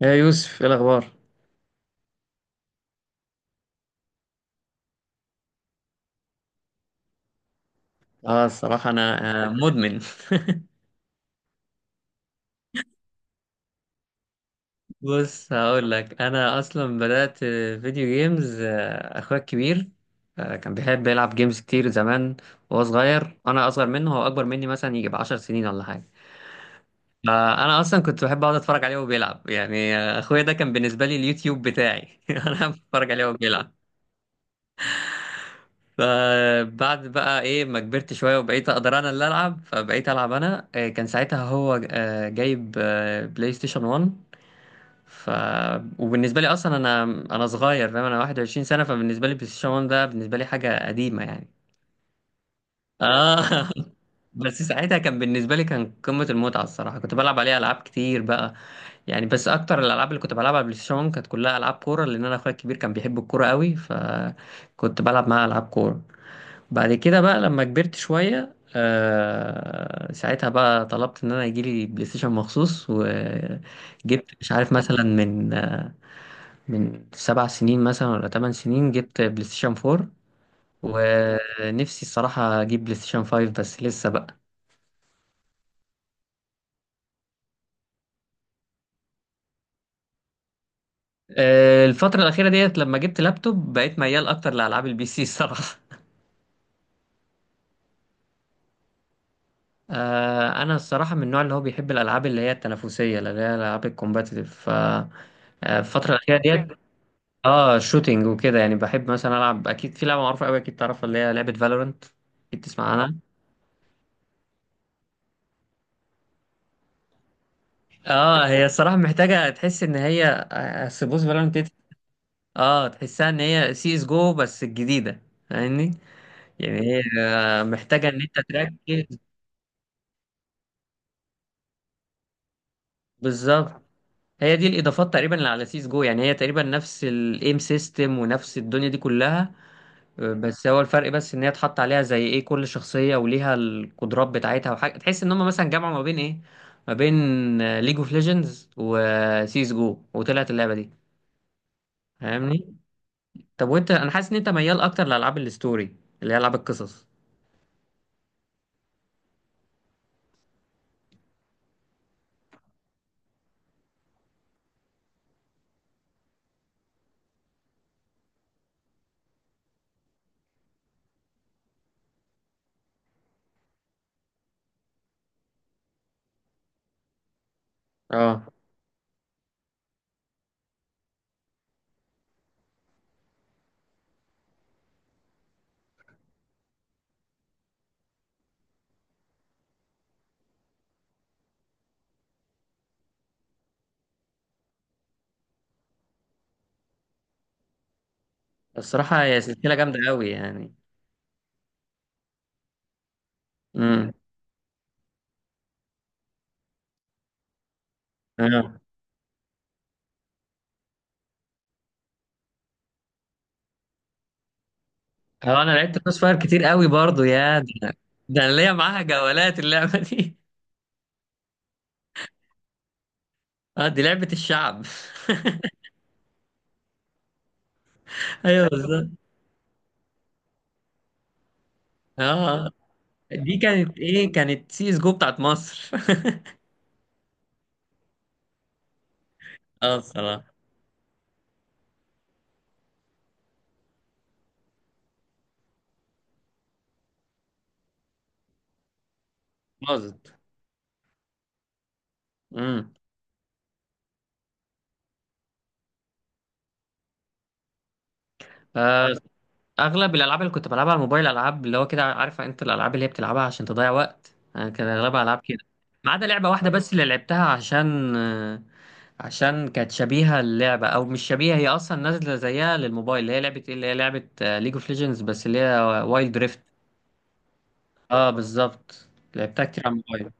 يا يوسف، ايه الاخبار؟ اه، الصراحه انا مدمن بص هقول لك انا اصلا بدات فيديو جيمز. اخويا الكبير كان بيحب يلعب جيمز كتير زمان وهو صغير. انا اصغر منه، هو اكبر مني مثلا يجي ب10 سنين ولا حاجه. فانا اصلا كنت بحب اقعد اتفرج عليه وهو بيلعب يعني. اخويا ده كان بالنسبه لي اليوتيوب بتاعي انا بتفرج عليه وهو بيلعب. فبعد بقى ايه ما كبرت شويه وبقيت اقدر انا اللي العب، فبقيت العب انا. كان ساعتها هو جايب بلاي ستيشن 1. ف وبالنسبه لي اصلا انا صغير، فاهم، انا 21 سنه. فبالنسبه لي بلاي ستيشن 1 ده بالنسبه لي حاجه قديمه يعني. اه بس ساعتها كان بالنسبه لي كان قمه المتعه الصراحه. كنت بلعب عليه العاب كتير بقى يعني. بس اكتر الالعاب اللي كنت بلعبها على البلاي ستيشن 1 كانت كلها العاب كوره، لان انا اخويا الكبير كان بيحب الكوره قوي، فكنت بلعب معاه العاب كوره. بعد كده بقى لما كبرت شوية آه ساعتها بقى طلبت ان انا يجيلي بلاي ستيشن مخصوص، وجبت مش عارف مثلا من من 7 سنين مثلا ولا 8 سنين، جبت بلاي ستيشن 4. ونفسي الصراحة اجيب بلاي ستيشن 5 بس لسه بقى. آه الفترة الأخيرة ديت لما جبت لابتوب بقيت ميال أكتر لألعاب البي سي الصراحة أنا الصراحة من النوع اللي هو بيحب الألعاب اللي هي التنافسية، اللي هي الألعاب الكومباتيتيف. ف آه، الفترة الأخيرة ديت. اه شوتينج وكده يعني. بحب مثلا العب، اكيد في لعبه معروفه قوي اكيد تعرفها، اللي هي لعبه فالورنت. اكيد تسمع عنها. اه هي الصراحه محتاجه تحس ان هي سبوس فالورنت. اه تحسها ان هي سي اس جو بس الجديده. فاهمني؟ يعني هي محتاجه ان انت تركز. بالظبط. هي دي الاضافات تقريبا اللي على سي اس جو. يعني هي تقريبا نفس الايم سيستم ونفس الدنيا دي كلها، بس هو الفرق بس ان هي اتحط عليها زي ايه كل شخصيه وليها القدرات بتاعتها. وحاجه تحس ان هم مثلا جمعوا ما بين ايه، ما بين ليج اوف ليجندز وسيس جو وطلعت اللعبه دي. فاهمني. طب وانت، انا حاسس ان انت ميال اكتر لالعاب الستوري، اللي هي العاب القصص. اه الصراحه هي سلسله جامده قوي يعني. امم. اه انا لعبت كروس فاير كتير قوي برضو، يا ده، ده انا ليا معاها جولات اللعبه دي. اه دي لعبه الشعب. ايوه بالظبط. اه دي كانت ايه، كانت سي اس جو بتاعت مصر اه الصراحه باظت. امم. آه، اغلب الالعاب اللي كنت بلعبها على الموبايل العاب اللي هو كده، عارفه انت، الالعاب اللي هي بتلعبها عشان تضيع وقت، انا كان اغلبها العاب كده. ما عدا لعبه واحده بس اللي لعبتها عشان عشان كانت شبيهه اللعبه، او مش شبيهه، هي اصلا نازله زيها للموبايل، اللي هي لعبه ايه اللي هي لعبه ليج اوف ليجندز بس اللي هي وايلد ريفت. اه بالظبط. لعبتها كتير على الموبايل.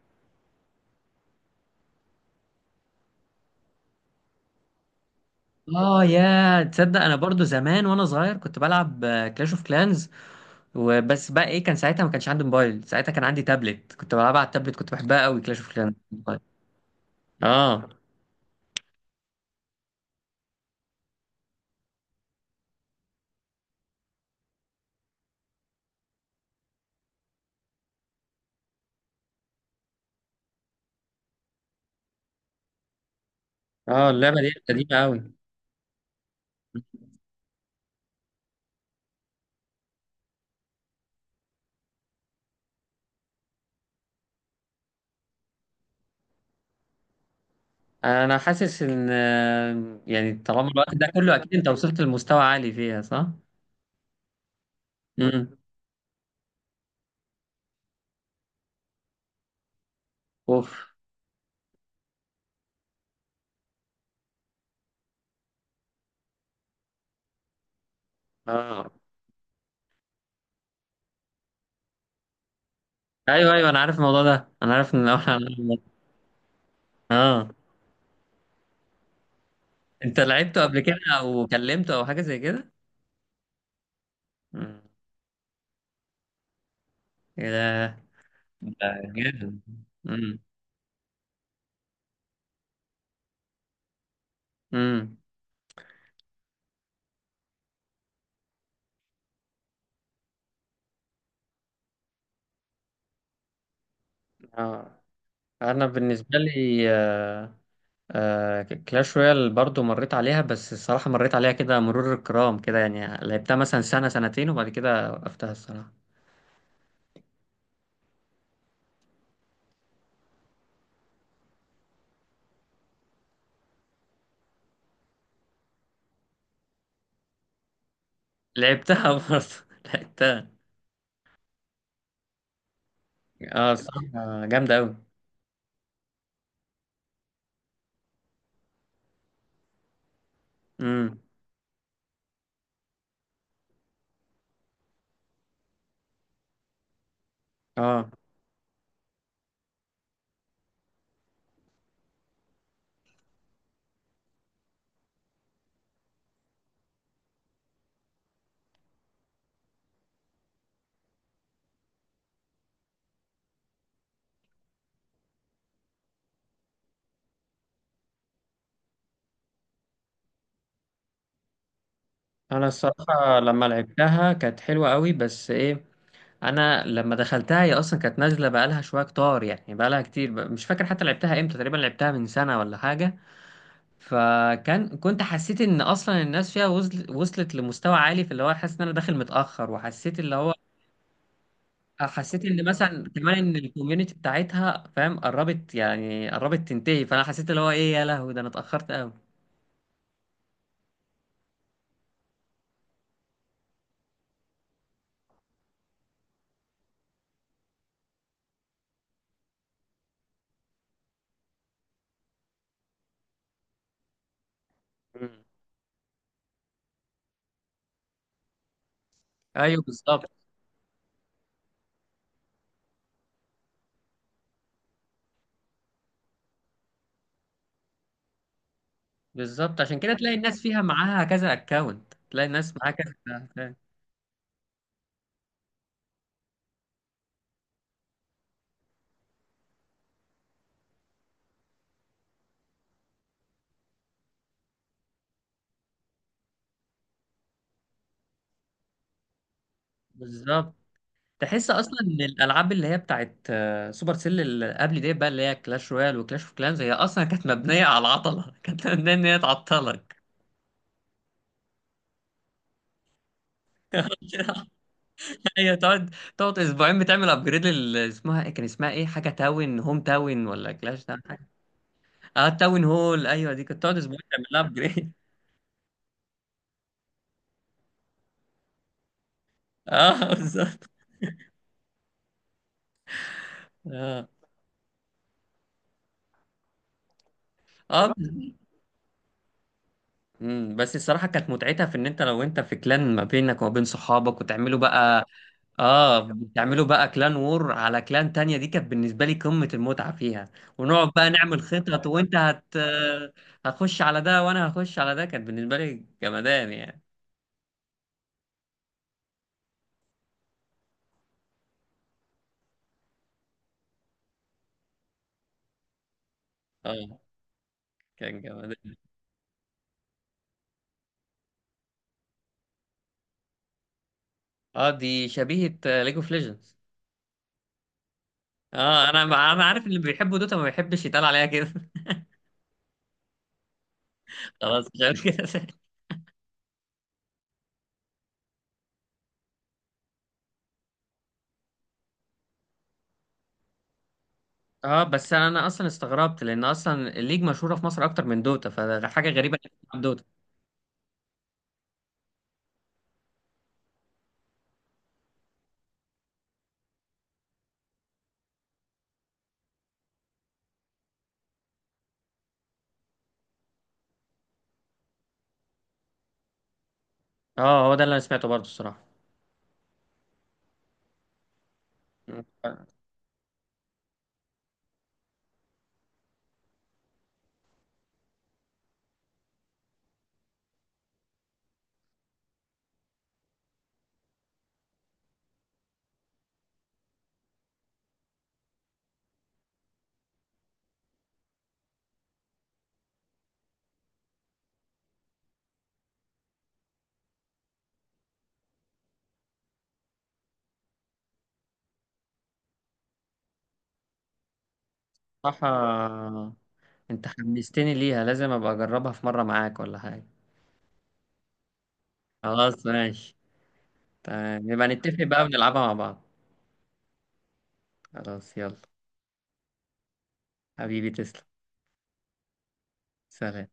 اه يا تصدق انا برضو زمان وانا صغير كنت بلعب كلاش اوف كلانز. وبس بقى ايه، كان ساعتها ما كانش عندي موبايل، ساعتها كان عندي تابلت كنت بلعبها على التابلت، كنت بحبها قوي كلاش اوف كلانس. اه. اه اللعبه دي قديمه قوي. انا حاسس ان يعني طالما الوقت ده كله اكيد انت وصلت لمستوى عالي فيها، صح؟ امم. اوف. اه. ايوه ايوه انا عارف الموضوع ده، انا عارف ان اول اه. انت لعبته قبل كده او كلمته او حاجه زي كده؟ امم. ايه ده؟ ده جامد. امم. امم. اه انا بالنسبه لي كلاش رويال برضو مريت عليها بس الصراحة مريت عليها كده مرور الكرام كده يعني، لعبتها مثلا سنة سنتين وبعد كده وقفتها الصراحة. لعبتها برضو. لعبتها. اه الصراحة جامدة أوي. امم. اه أنا الصراحة لما لعبتها كانت حلوة أوي، بس إيه، أنا لما دخلتها هي أصلا كانت نازلة بقالها شوية كتار، يعني بقالها كتير، مش فاكر حتى لعبتها إمتى، تقريبا لعبتها من سنة ولا حاجة. فكان كنت حسيت ان اصلا الناس فيها وصلت لمستوى عالي، في اللي هو حاسس ان انا داخل متاخر، وحسيت اللي هو، حسيت ان مثلا كمان ان الكوميونتي بتاعتها، فاهم، قربت يعني قربت تنتهي، فانا حسيت اللي هو ايه، يا لهوي ده انا اتاخرت قوي. مم. ايوه بالظبط. بالظبط، عشان كده تلاقي الناس فيها معاها كذا اكونت، تلاقي الناس معاها كذا account. بالظبط. تحس اصلا ان الالعاب اللي هي بتاعت سوبر سيل اللي قبل دي بقى اللي هي كلاش رويال وكلاش اوف كلانز هي اصلا كانت مبنيه على العطله كانت مبنيه ان هي تعطلك. هي تقعد اسبوعين بتعمل ابجريد لل اسمها إيه؟ كان اسمها ايه، حاجه تاون هوم تاون ولا كلاش تاون، حاجه. اه تاون هول ايوه، دي كنت تقعد اسبوعين تعمل لها ابجريد. اه بالظبط. اه. اه أمم، بس الصراحه كانت متعتها في ان انت لو انت في كلان ما بينك وما بين صحابك، وتعملوا بقى، اه بتعملوا بقى كلان وور على كلان تانية، دي كانت بالنسبة لي قمة المتعة فيها. ونقعد بقى نعمل خطط، وانت هت هتخش على ده وانا هخش على ده، كانت بالنسبة لي جمدان يعني. اه كان جمدان. اه دي شبيهة ليج اوف ليجندز. اه انا عارف اللي بيحبوا دوتا ما بيحبش يتقال عليها كده خلاص مش عارف كده اه بس انا اصلا استغربت، لان اصلا الليج مشهورة في مصر اكتر من دوتا، فحاجة غريبة انك تلعب دوتا. اه هو ده اللي انا سمعته برضه الصراحة. صح. انت حمستني ليها، لازم ابقى اجربها في مرة معاك ولا حاجة. خلاص ماشي. تمام، يبقى نتفق بقى ونلعبها مع بعض. خلاص يلا. حبيبي تسلم. سلام.